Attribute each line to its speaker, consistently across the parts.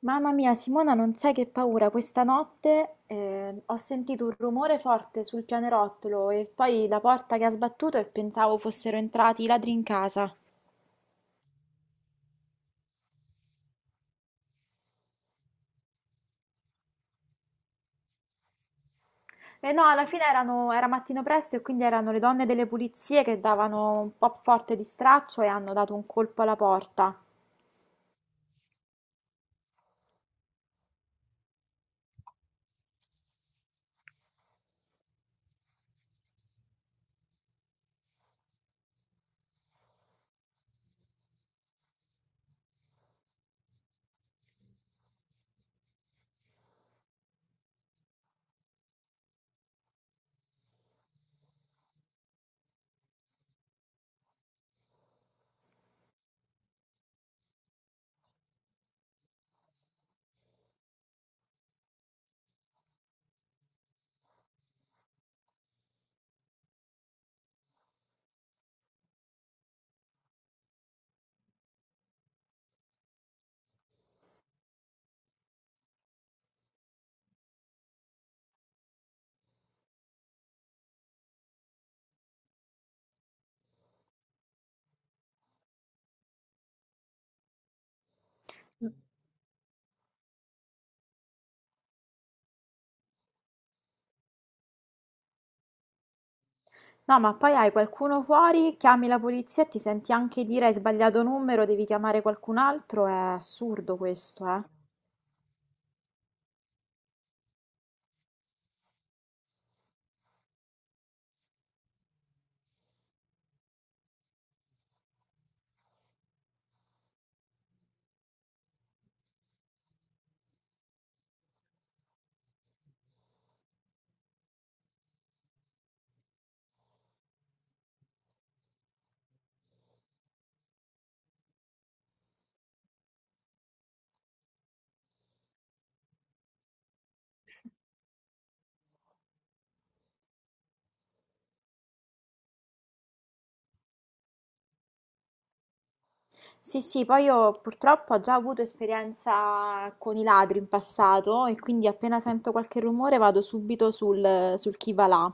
Speaker 1: Mamma mia, Simona, non sai che paura. Questa notte ho sentito un rumore forte sul pianerottolo e poi la porta che ha sbattuto e pensavo fossero entrati i ladri in casa. E no, alla fine era mattino presto e quindi erano le donne delle pulizie che davano un po' forte di straccio e hanno dato un colpo alla porta. No, ma poi hai qualcuno fuori, chiami la polizia e ti senti anche dire hai sbagliato numero, devi chiamare qualcun altro. È assurdo questo, eh? Sì, sì, poi io purtroppo ho già avuto esperienza con i ladri in passato e quindi appena sento qualche rumore vado subito sul chi va là.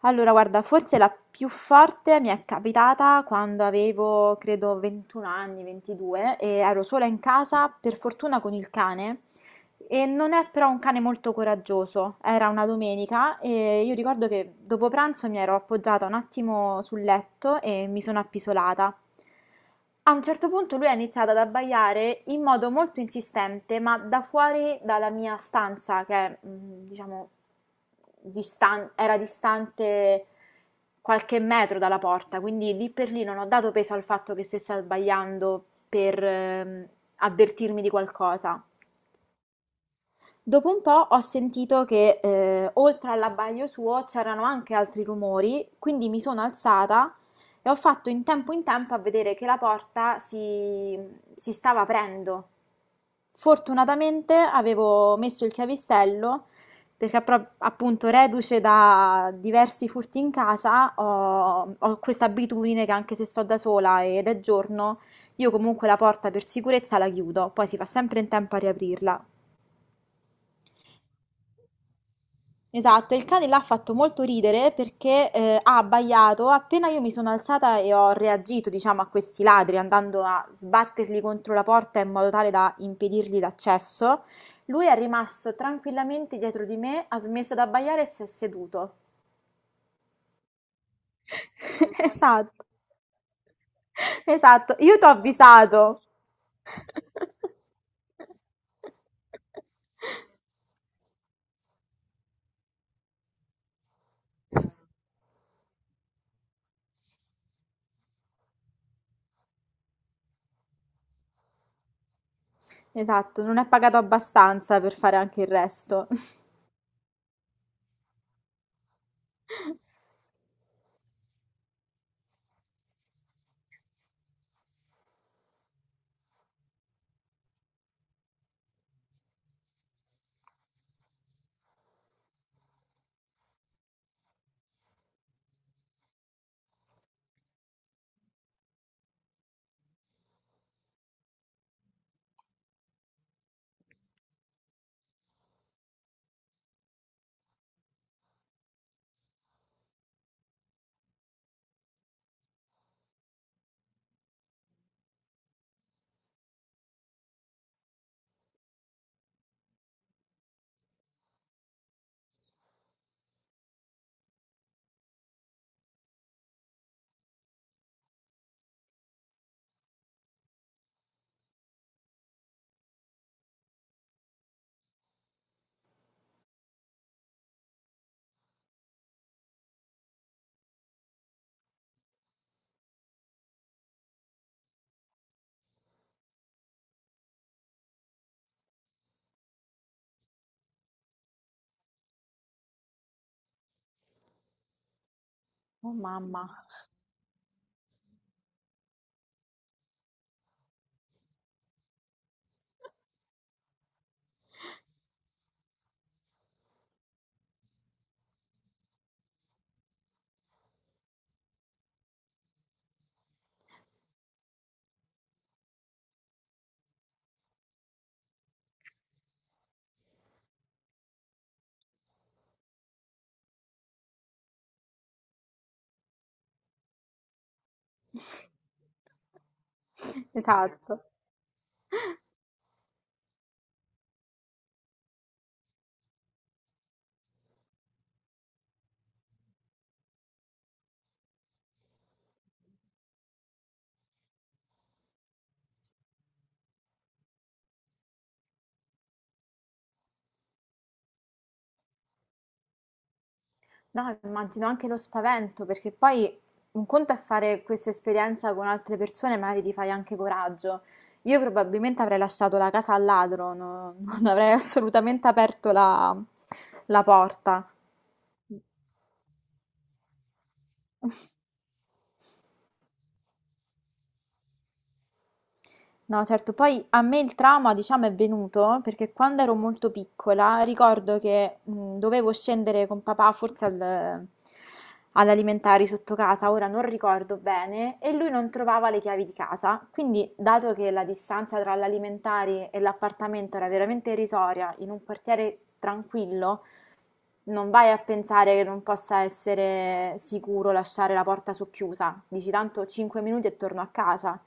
Speaker 1: Allora, guarda, forse la più forte mi è capitata quando avevo, credo, 21 anni, 22, e ero sola in casa, per fortuna con il cane. E non è però un cane molto coraggioso. Era una domenica e io ricordo che dopo pranzo mi ero appoggiata un attimo sul letto e mi sono appisolata. A un certo punto lui ha iniziato ad abbaiare in modo molto insistente, ma da fuori dalla mia stanza, che è, diciamo, era distante qualche metro dalla porta, quindi lì per lì non ho dato peso al fatto che stesse abbaiando per avvertirmi di qualcosa. Dopo un po' ho sentito che oltre all'abbaglio suo c'erano anche altri rumori, quindi mi sono alzata e ho fatto in tempo a vedere che la porta si stava aprendo. Fortunatamente avevo messo il chiavistello perché appunto reduce da diversi furti in casa ho questa abitudine che anche se sto da sola ed è giorno, io comunque la porta per sicurezza la chiudo, poi si fa sempre in tempo a riaprirla. Esatto, e il cane là ha fatto molto ridere perché ha abbaiato appena io mi sono alzata e ho reagito, diciamo, a questi ladri andando a sbatterli contro la porta in modo tale da impedirgli l'accesso. Lui è rimasto tranquillamente dietro di me, ha smesso di abbaiare e si è seduto. Esatto, esatto, io t'ho avvisato. Esatto, non è pagato abbastanza per fare anche il resto. Oh mamma, esatto. No, immagino anche lo spavento, perché poi un conto è fare questa esperienza con altre persone, magari ti fai anche coraggio. Io probabilmente avrei lasciato la casa al ladro, non avrei assolutamente aperto la porta. No, certo, poi a me il trauma, diciamo, è venuto perché quando ero molto piccola ricordo che dovevo scendere con papà forse all'alimentari sotto casa, ora non ricordo bene, e lui non trovava le chiavi di casa. Quindi, dato che la distanza tra l'alimentari e l'appartamento era veramente irrisoria in un quartiere tranquillo, non vai a pensare che non possa essere sicuro lasciare la porta socchiusa, dici tanto 5 minuti e torno a casa.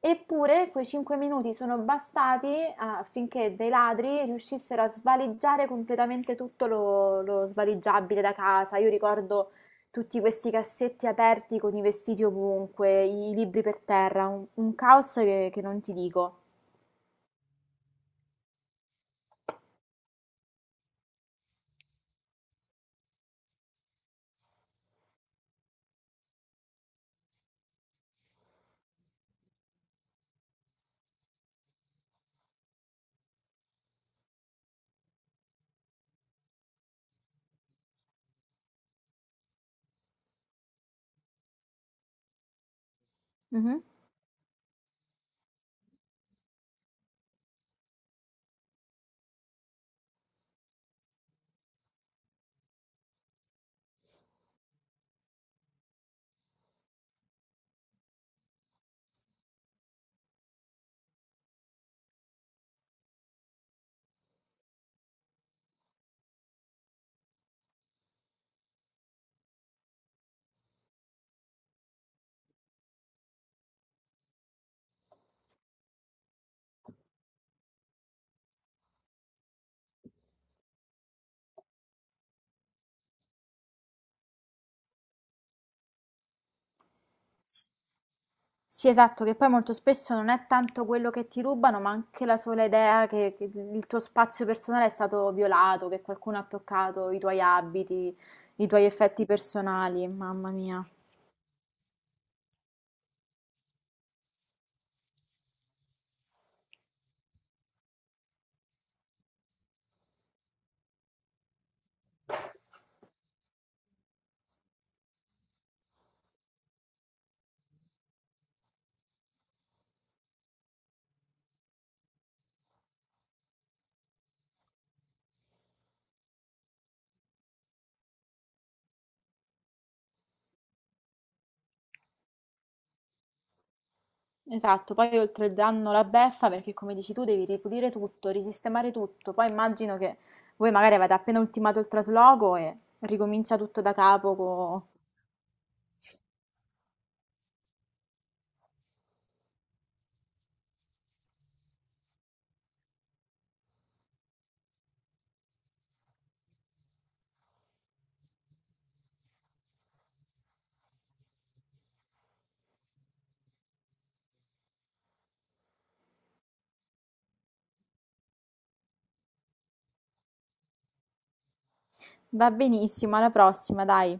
Speaker 1: Eppure quei 5 minuti sono bastati affinché dei ladri riuscissero a svaligiare completamente tutto lo svaligiabile da casa. Io ricordo tutti questi cassetti aperti con i vestiti ovunque, i libri per terra, un caos che non ti dico. Mhm. Sì, esatto, che poi molto spesso non è tanto quello che ti rubano, ma anche la sola idea che il tuo spazio personale è stato violato, che qualcuno ha toccato i tuoi abiti, i tuoi effetti personali, mamma mia. Esatto, poi oltre il danno la beffa, perché come dici tu devi ripulire tutto, risistemare tutto, poi immagino che voi magari avete appena ultimato il trasloco e ricomincia tutto da capo. Va benissimo, alla prossima, dai.